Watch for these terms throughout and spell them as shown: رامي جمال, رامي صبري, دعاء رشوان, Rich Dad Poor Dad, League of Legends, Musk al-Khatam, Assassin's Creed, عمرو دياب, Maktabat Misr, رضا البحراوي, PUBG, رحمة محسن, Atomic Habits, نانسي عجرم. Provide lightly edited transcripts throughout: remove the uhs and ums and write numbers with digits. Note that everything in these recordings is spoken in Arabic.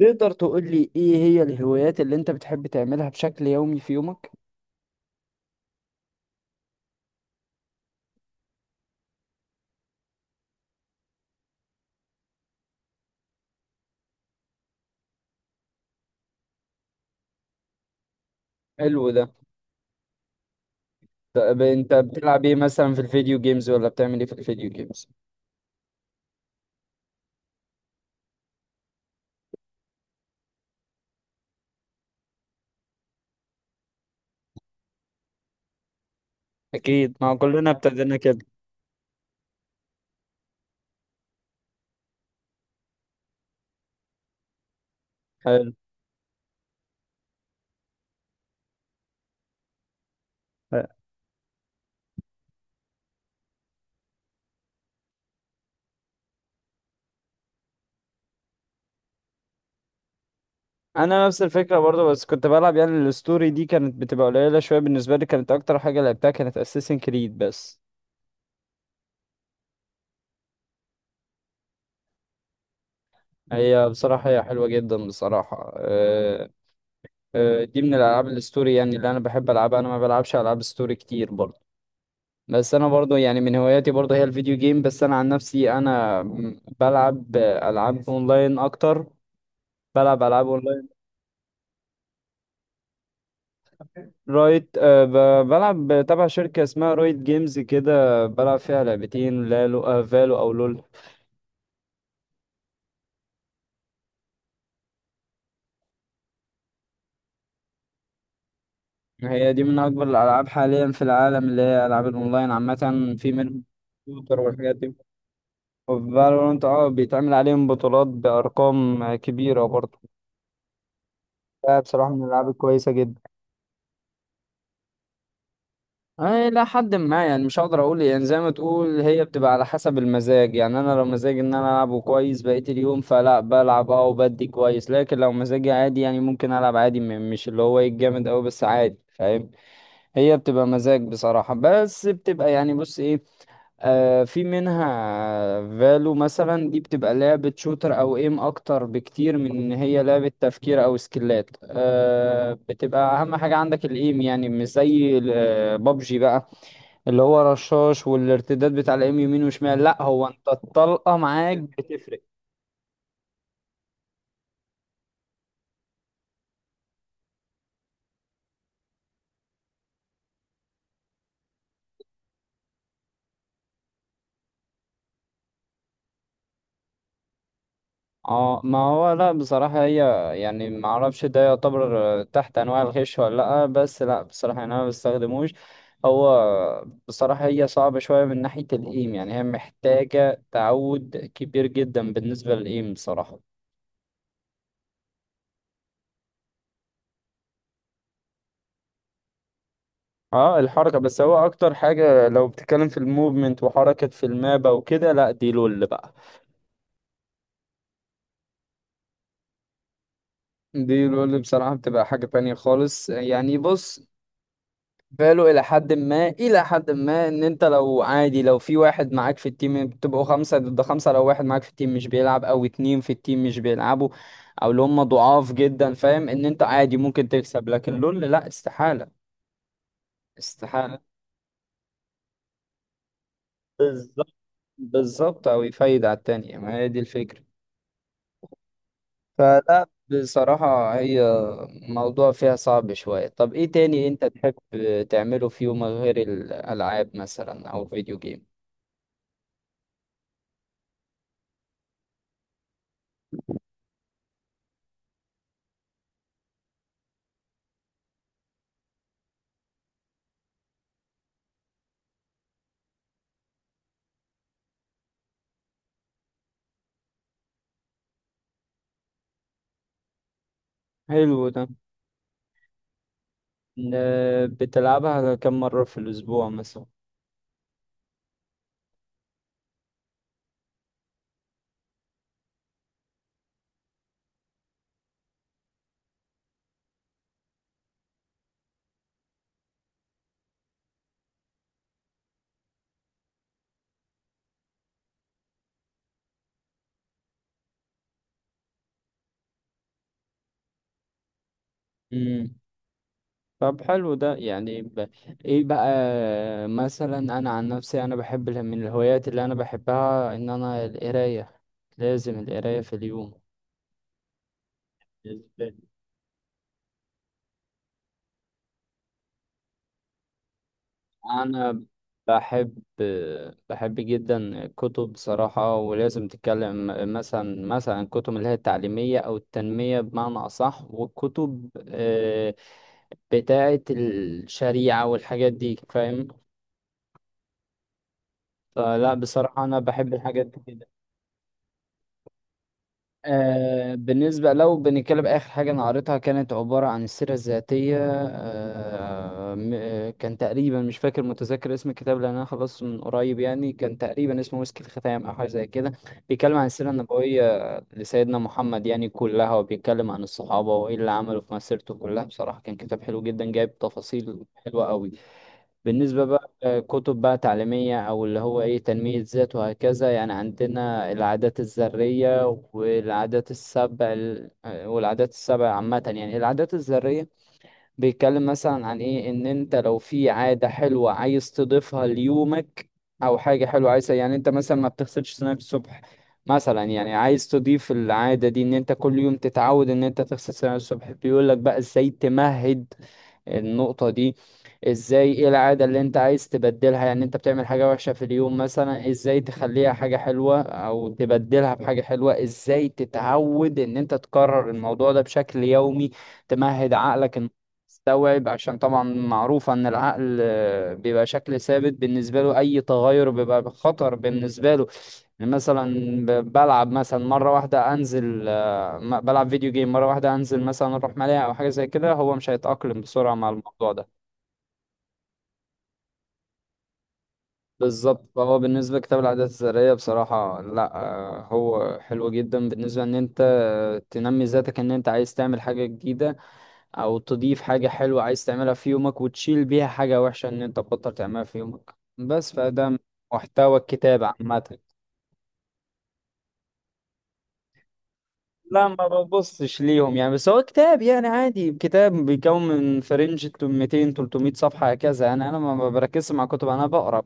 تقدر تقول لي ايه هي الهوايات اللي انت بتحب تعملها بشكل يومي في يومك؟ حلو ده. طب انت بتلعب ايه مثلا في الفيديو جيمز ولا بتعمل ايه في الفيديو جيمز؟ اكيد، ما هو كلنا ابتدينا كده. حلو. انا نفس الفكره برضه، بس كنت بلعب يعني الستوري دي كانت بتبقى قليله شويه بالنسبه لي، كانت اكتر حاجه لعبتها كانت اساسن كريد بس. هي بصراحه هي حلوه جدا بصراحه، أه. دي من الالعاب الستوري يعني اللي انا بحب العبها. انا ما بلعبش العاب ستوري كتير برضه، بس انا برضو يعني من هواياتي برضو هي الفيديو جيم. بس انا عن نفسي انا بلعب العاب اونلاين اكتر. بلعب العاب اونلاين رايت، بلعب تبع شركة اسمها رايت جيمز كده، بلعب فيها لعبتين لالو، فالو او لول. هي دي من اكبر الالعاب حاليا في العالم، اللي هي العاب الاونلاين عامة، في منهم كمبيوتر والحاجات دي. وفالورانت، اه، بيتعمل عليهم بطولات بارقام كبيرة برضو. ده بصراحة من الالعاب الكويسة جدا. أي لا، حد ما يعني مش هقدر اقول، يعني زي ما تقول هي بتبقى على حسب المزاج. يعني انا لو مزاجي ان انا العبه كويس بقية اليوم فلا بلعب اه، وبدي كويس. لكن لو مزاجي عادي يعني ممكن العب عادي، مش اللي هو ايه الجامد اوي، بس عادي، فاهم؟ هي بتبقى مزاج بصراحة، بس بتبقى يعني بص ايه، آه في منها. فالو مثلا دي بتبقى لعبة شوتر او ايم اكتر بكتير من ان هي لعبة تفكير او سكيلات، آه، بتبقى اهم حاجة عندك الايم، يعني مش زي بابجي بقى اللي هو رشاش والارتداد بتاع الام يمين وشمال. لا، هو انت الطلقه معاك بتفرق. اه، ما هو لا بصراحه هي، يعني ما اعرفش ده يعتبر تحت انواع الغش ولا لا، بس لا بصراحه يعني انا ما بستخدموش. هو بصراحه هي صعبه شويه من ناحيه الايم، يعني هي محتاجه تعود كبير جدا بالنسبه للايم بصراحه. اه الحركة، بس هو اكتر حاجة لو بتتكلم في الموفمنت وحركة في المابة وكده، لا دي لول بقى. دي لول بصراحة بتبقى حاجة تانية خالص. يعني بص، فالو إلى حد ما إلى حد ما إن أنت لو عادي، لو في واحد معاك في التيم بتبقوا خمسة ضد خمسة، لو واحد معاك في التيم مش بيلعب أو اتنين في التيم مش بيلعبوا أو اللي هم ضعاف جدا، فاهم إن أنت عادي ممكن تكسب. لكن لول لأ، استحالة، استحالة. بالظبط. بالظبط، أو يفايد على التانية، ما هي دي الفكرة. فلا بصراحة هي موضوع فيها صعب شوية. طب ايه تاني انت تحب تعمله في يومك غير الألعاب مثلا أو الفيديو جيم؟ حلو ده. بتلعبها كم مرة في الأسبوع مثلا؟ مم. طب حلو ده، ايه بقى، مثلا انا عن نفسي انا بحب من الهوايات اللي انا بحبها ان انا القراية. لازم القراية في اليوم بالنسبة لي. انا بحب، بحب جدا الكتب بصراحة، ولازم تتكلم مثلا الكتب اللي هي التعليمية او التنمية بمعنى اصح، والكتب بتاعة الشريعة والحاجات دي، فاهم؟ فلا بصراحة انا بحب الحاجات دي جدا. آه، بالنسبة لو بنتكلم آخر حاجة أنا قريتها، كانت عبارة عن السيرة الذاتية، كان تقريبا مش فاكر متذكر اسم الكتاب لأن أنا خلصته من قريب، يعني كان تقريبا اسمه مسك الختام أو حاجة زي كده. بيتكلم عن السيرة النبوية لسيدنا محمد يعني كلها، وبيتكلم عن الصحابة وإيه اللي عملوا في مسيرته كلها. بصراحة كان كتاب حلو جدا، جايب تفاصيل حلوة أوي. بالنسبة بقى كتب بقى تعليمية أو اللي هو إيه تنمية ذات وهكذا، يعني عندنا العادات الذرية والعادات السبع والعادات السبع عامة، يعني العادات الذرية بيتكلم مثلا عن إيه إن أنت لو في عادة حلوة عايز تضيفها ليومك، أو حاجة حلوة عايز، يعني أنت مثلا ما بتغسلش سنانك الصبح مثلا، يعني عايز تضيف العادة دي إن أنت كل يوم تتعود إن أنت تغسل سنانك الصبح، بيقول لك بقى إزاي تمهد النقطة دي. ازاي ايه العادة اللي انت عايز تبدلها، يعني انت بتعمل حاجة وحشة في اليوم مثلا، ازاي تخليها حاجة حلوة او تبدلها بحاجة حلوة، ازاي تتعود ان انت تكرر الموضوع ده بشكل يومي، تمهد عقلك ان يستوعب، عشان طبعا معروفة ان العقل بيبقى شكل ثابت بالنسبة له، اي تغير بيبقى خطر بالنسبة له. يعني مثلا بلعب مثلا مرة واحدة انزل، بلعب فيديو جيم مرة واحدة انزل مثلا اروح ملاهي او حاجة زي كده، هو مش هيتأقلم بسرعة مع الموضوع ده. بالظبط. فهو بالنسبة لكتاب العادات الذرية بصراحة لا، هو حلو جدا بالنسبة ان انت تنمي ذاتك، ان انت عايز تعمل حاجة جديدة او تضيف حاجة حلوة عايز تعملها في يومك وتشيل بيها حاجة وحشة ان انت تبطل تعملها في يومك بس. فده محتوى الكتاب عامة. لا ما ببصش ليهم يعني، بس هو كتاب يعني عادي، كتاب بيكون من فرنج 200 300 صفحة هكذا، يعني انا ما بركزش مع كتب انا بقرا.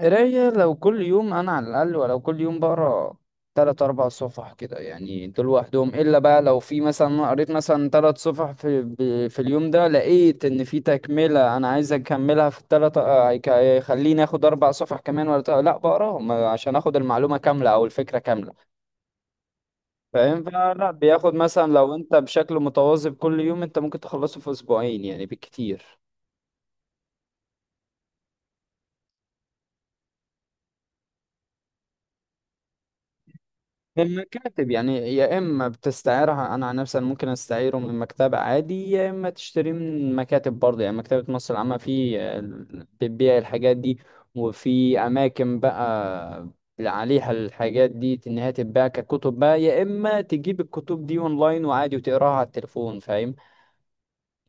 قراية لو كل يوم، أنا على الأقل ولو كل يوم بقرا تلات أربع صفح كده يعني، دول لوحدهم. إلا بقى لو في مثلا أنا قريت مثلا تلات صفح في اليوم ده، لقيت إن في تكملة أنا عايز أكملها في التلات، هيخليني آخد أربع صفح كمان ولا تلات. بقراهم عشان آخد المعلومة كاملة أو الفكرة كاملة، فاهم؟ فلا بياخد مثلا لو أنت بشكل متواظب كل يوم، أنت ممكن تخلصه في أسبوعين يعني بالكتير. من مكاتب يعني، يا اما بتستعيرها، انا عن نفسي أنا ممكن استعيره من مكتبة عادي، يا اما تشتريه من مكاتب برضه، يعني مكتبة مصر العامة بتبيع الحاجات دي، وفي اماكن بقى عليها الحاجات دي ان هي تتباع ككتب بقى، يا اما تجيب الكتب دي اونلاين وعادي وتقراها على التليفون، فاهم؟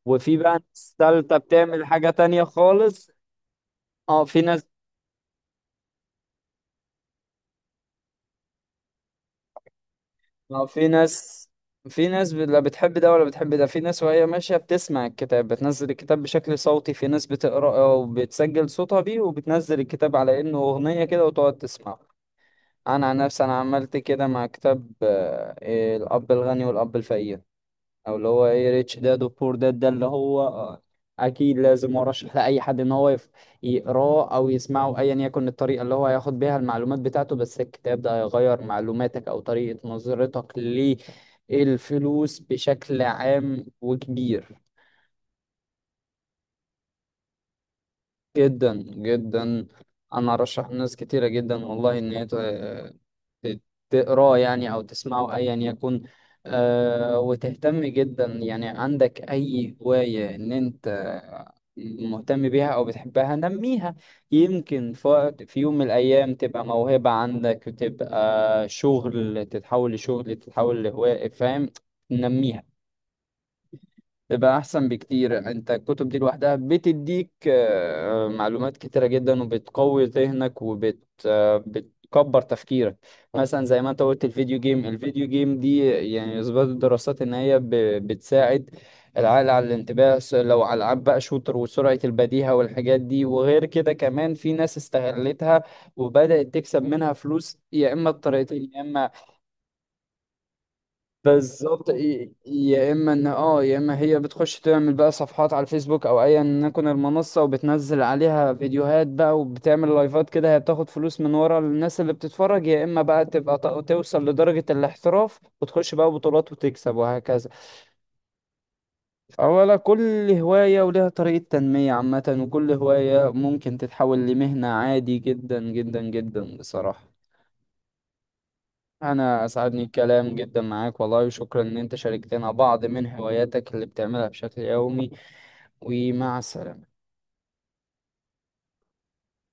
وفي بقى ناس تالتة بتعمل حاجة تانية خالص. اه في ناس. ما هو في ناس، لا بتحب ده ولا بتحب ده. في ناس وهي ماشية بتسمع الكتاب، بتنزل الكتاب بشكل صوتي، في ناس بتقرأ وبتسجل صوتها بيه وبتنزل الكتاب على إنه أغنية كده وتقعد تسمعه. أنا عن نفسي أنا عملت كده مع كتاب آه، إيه، الأب الغني والأب الفقير، او اللي هو ايه ريتش داد وبور داد، ده اللي هو اكيد لازم ارشح لاي حد ان هو يقراه او يسمعه ايا يكن الطريقه اللي هو هياخد بيها المعلومات بتاعته. بس الكتاب ده هيغير معلوماتك او طريقه نظرتك للفلوس بشكل عام وكبير جدا جدا. انا ارشح ناس كتيره جدا والله ان هي تقراه يعني أو تسمعه أيا يكن. آه، وتهتم جدا، يعني عندك أي هواية إن أنت مهتم بيها أو بتحبها، نميها. يمكن في يوم من الأيام تبقى موهبة عندك وتبقى شغل، تتحول لشغل تتحول لهواية، فاهم؟ نميها. بيبقى احسن بكتير. انت الكتب دي لوحدها بتديك معلومات كتيرة جدا، وبتقوي ذهنك وبت آه، بتكبر تفكيرك. مثلا زي ما انت قلت الفيديو جيم، الفيديو جيم دي يعني اثبت الدراسات ان هي بتساعد العقل على الانتباه، لو على العاب بقى شوتر وسرعة البديهة والحاجات دي. وغير كده كمان في ناس استغلتها وبدأت تكسب منها فلوس، يا اما بطريقتين، يا اما بالظبط، يا اما ان اه، يا اما هي بتخش تعمل بقى صفحات على الفيسبوك او ايا يكن المنصه، وبتنزل عليها فيديوهات بقى وبتعمل لايفات كده، هي بتاخد فلوس من ورا الناس اللي بتتفرج. يا اما بقى توصل لدرجه الاحتراف وتخش بقى بطولات وتكسب وهكذا. اولا كل هوايه ولها طريقه تنميه عامه، وكل هوايه ممكن تتحول لمهنه عادي جدا جدا جدا بصراحه. أنا أسعدني الكلام جدا معاك والله، وشكرا إن أنت شاركتنا بعض من هواياتك اللي بتعملها بشكل يومي. ومع السلامة.